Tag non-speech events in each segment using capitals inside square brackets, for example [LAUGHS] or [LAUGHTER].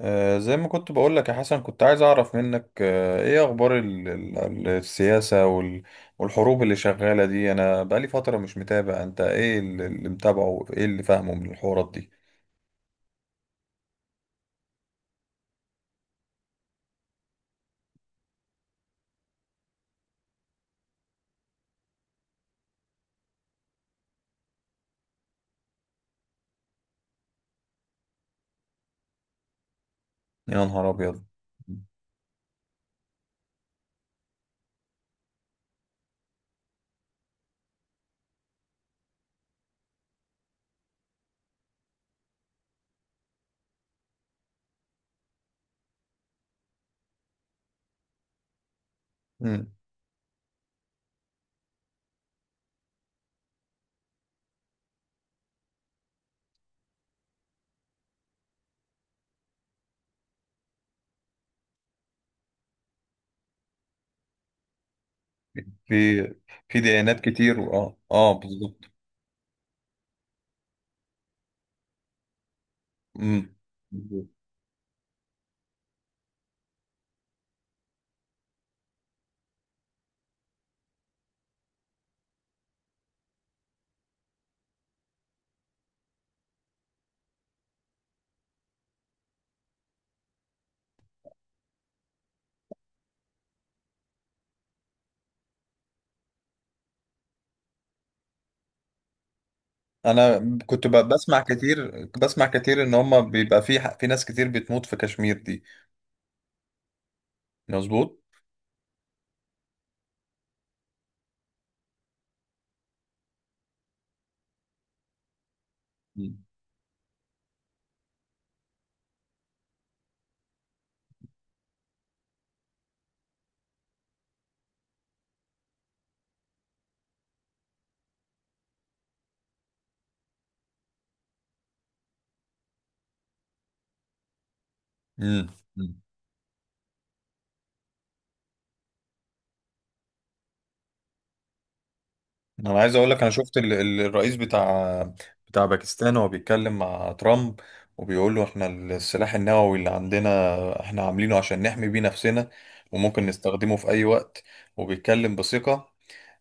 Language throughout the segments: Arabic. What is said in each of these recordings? زي ما كنت بقولك يا حسن، كنت عايز أعرف منك إيه أخبار السياسة والحروب اللي شغالة دي. أنا بقالي فترة مش متابع. أنت إيه اللي متابعه؟ إيه اللي فاهمه من الحوارات دي؟ يا نهار أبيض. مم. في في ديانات كتير، وآه آه آه بالظبط. مم. بالظبط. أنا كنت بسمع كتير، بسمع كتير إن هما بيبقى في ناس كتير بتموت في كشمير دي. مظبوط. مم. مم. انا عايز اقول لك، انا شفت الرئيس بتاع باكستان وهو بيتكلم مع ترامب، وبيقول له احنا السلاح النووي اللي عندنا احنا عاملينه عشان نحمي بيه نفسنا، وممكن نستخدمه في اي وقت. وبيتكلم بثقة.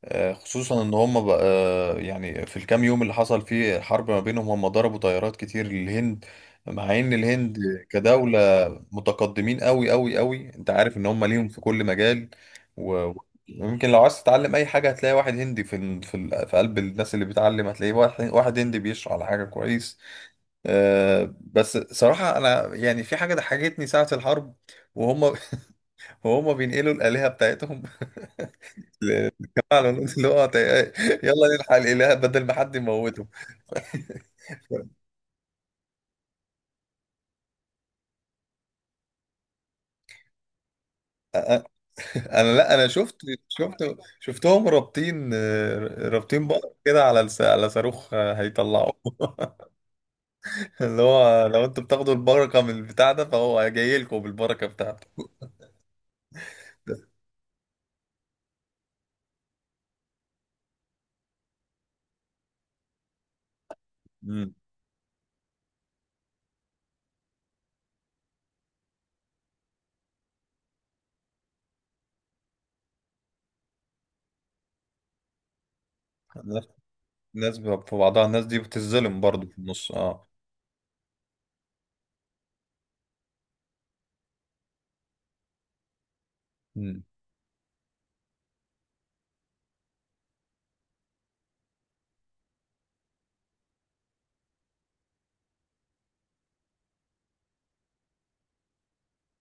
خصوصا ان هم بقى، يعني في الكام يوم اللي حصل فيه حرب ما بينهم، هم ضربوا طيارات كتير للهند، مع ان الهند كدولة متقدمين قوي قوي قوي. انت عارف ان هم ليهم في كل مجال. و- ويمكن لو عايز تتعلم اي حاجة هتلاقي واحد هندي في قلب الناس اللي بتعلم، هتلاقيه واحد هندي بيشرح على حاجة كويس. بس صراحة انا يعني في حاجة ضحكتني ساعة الحرب، وهم [LAUGHS] وهم بينقلوا الآلهة بتاعتهم فعلا. [LAUGHS] اللي هو يلا نلحق الاله بدل ما حد يموته. انا لا، انا شفت، شفت شفتهم رابطين، رابطين بقر كده على على صاروخ هيطلعوه. [LAUGHS] اللي هو لو انتوا بتاخدوا البركه من البتاع ده فهو جاي لكم بالبركه بتاعته. امم. الناس، في بعضها، الناس دي بتتظلم برضو في النص، اه. امم.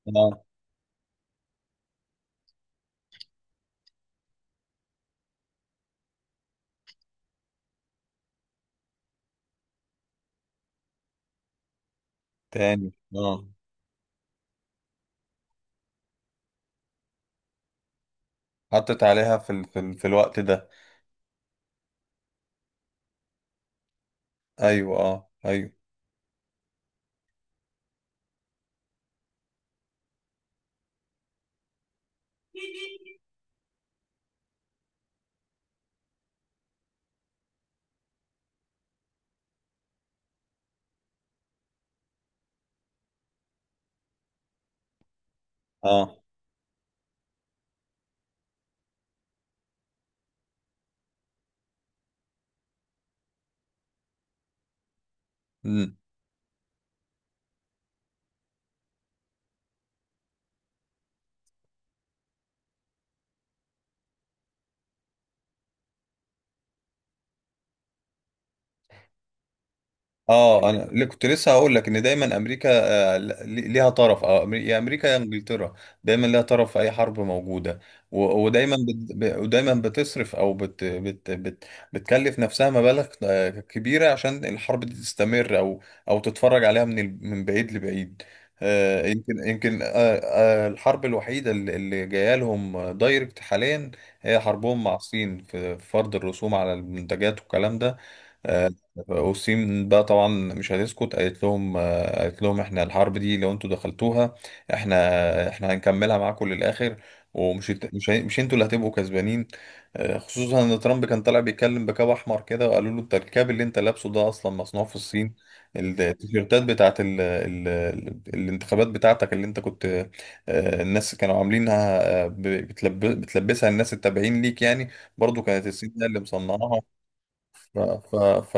اه. تاني، اه. حطت عليها في في الوقت ده. ايوه، اه، ايوه. اه، اه، انا اللي كنت لسه هقول لك ان دايما امريكا آه، ل- ليها طرف، يا امريكا يا انجلترا. دايما ليها طرف في اي حرب موجوده. ودايما ودايما بتصرف او بت بت بت بتكلف نفسها مبالغ كبيره عشان الحرب دي تستمر، او او تتفرج عليها من بعيد لبعيد. يمكن يمكن الحرب الوحيده اللي جايه لهم دايركت حاليا هي حربهم مع الصين، في في فرض الرسوم على المنتجات والكلام ده. آه، والصين بقى طبعا مش هتسكت، قالت لهم، قالت لهم احنا الحرب دي لو انتوا دخلتوها احنا احنا هنكملها معاكم للاخر، ومش هت- مش هي- مش انتوا اللي هتبقوا كسبانين. خصوصا ان ترامب كان طالع بيتكلم بكاب احمر كده، وقالوا له انت الكاب اللي انت لابسه ده اصلا مصنوع في الصين، التيشيرتات بتاعت ال الانتخابات بتاعتك اللي انت كنت، الناس كانوا عاملينها، بتلبسها الناس التابعين ليك يعني، برضو كانت الصين هي اللي مصنعاها. ف ف ف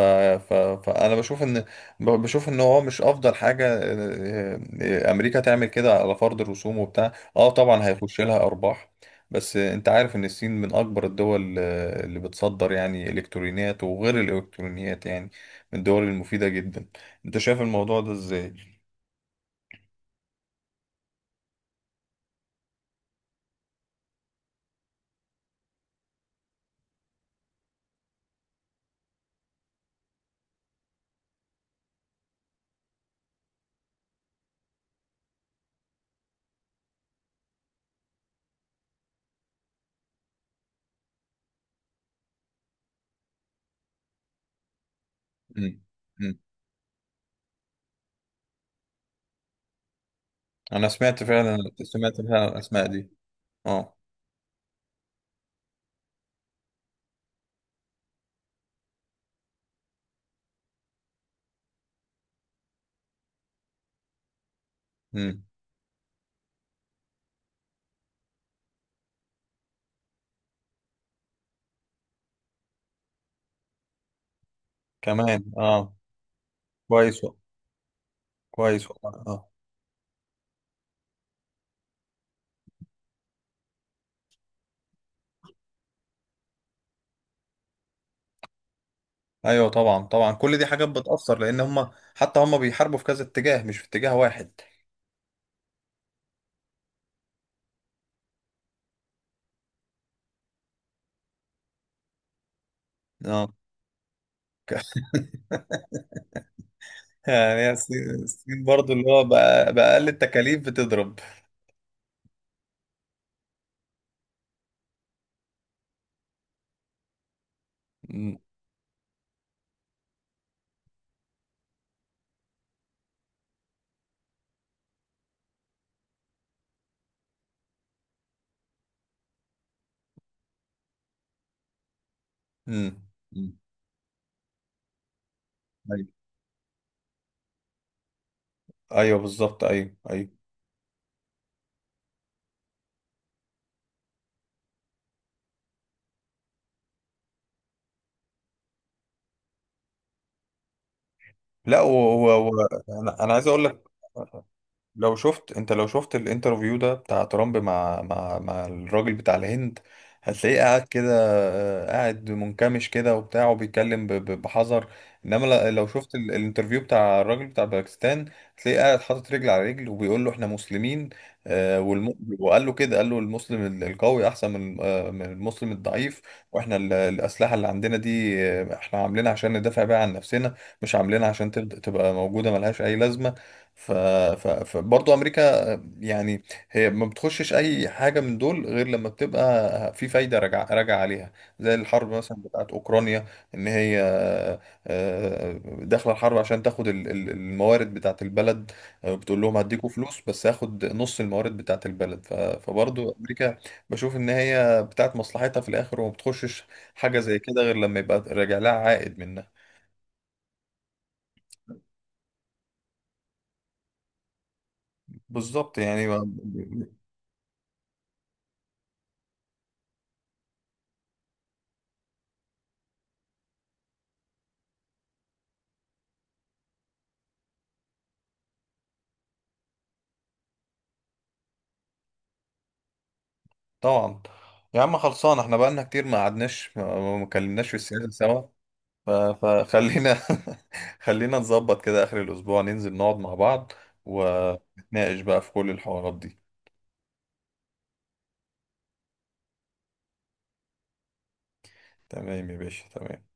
ف فانا بشوف ان، بشوف ان هو مش افضل حاجه امريكا تعمل كده على فرض الرسوم وبتاع. اه طبعا هيخش لها ارباح، بس انت عارف ان الصين من اكبر الدول اللي بتصدر يعني الكترونيات وغير الالكترونيات، يعني من الدول المفيده جدا. انت شايف الموضوع ده ازاي؟ مم. مم. انا سمعت فعلا، سمعت فعلا الاسماء دي، اه. مم. كمان، اه. كويس والله. كويس والله، اه. ايوه طبعا، طبعا كل دي حاجات بتأثر، لان هم حتى هم بيحاربوا في كذا اتجاه مش في اتجاه واحد. اه. ك- [LAUGHS] يعني هي الصين برضو اللي هو بأقل التكاليف بتضرب. مم. مم. مم. ايوه، ايوه بالظبط، ايوه ايوه. لا انا أنا عايز اقول لك، لو شفت الانترفيو ده بتاع ترامب مع مع الراجل بتاع الهند، هتلاقيه قاعد كده، قاعد منكمش كده وبتاع، وبيتكلم بحذر. انما لو شفت الانترفيو بتاع الراجل بتاع باكستان، هتلاقيه قاعد حاطط رجل على رجل وبيقول له احنا مسلمين، آه، والم... وقال له كده، قال له المسلم القوي احسن من من المسلم الضعيف، واحنا الاسلحه اللي عندنا دي احنا عاملينها عشان ندافع بيها عن نفسنا، مش عاملينها عشان تبقى موجوده ملهاش اي لازمه. ف... فبرضه امريكا يعني هي ما بتخشش اي حاجه من دول غير لما بتبقى في فايده راجعه عليها، زي الحرب مثلا بتاعت اوكرانيا، ان هي آه، داخله الحرب عشان تاخد الموارد بتاعت البلد، بتقول لهم هديكوا فلوس بس هاخد نص الموارد بتاعت البلد. فبرضه امريكا بشوف ان هي بتاعت مصلحتها في الاخر، وما بتخشش حاجه زي كده غير لما يبقى راجع لها عائد منها. بالظبط يعني. طبعا. يا عم خلصان، احنا بقالنا كتير ما قعدناش، ما اتكلمناش في السياسة سوا. ف- فخلينا، [LAUGHS] خلينا نظبط كده آخر الأسبوع ننزل نقعد مع بعض، ونتناقش بقى في كل الحوارات دي. تمام يا باشا، تمام.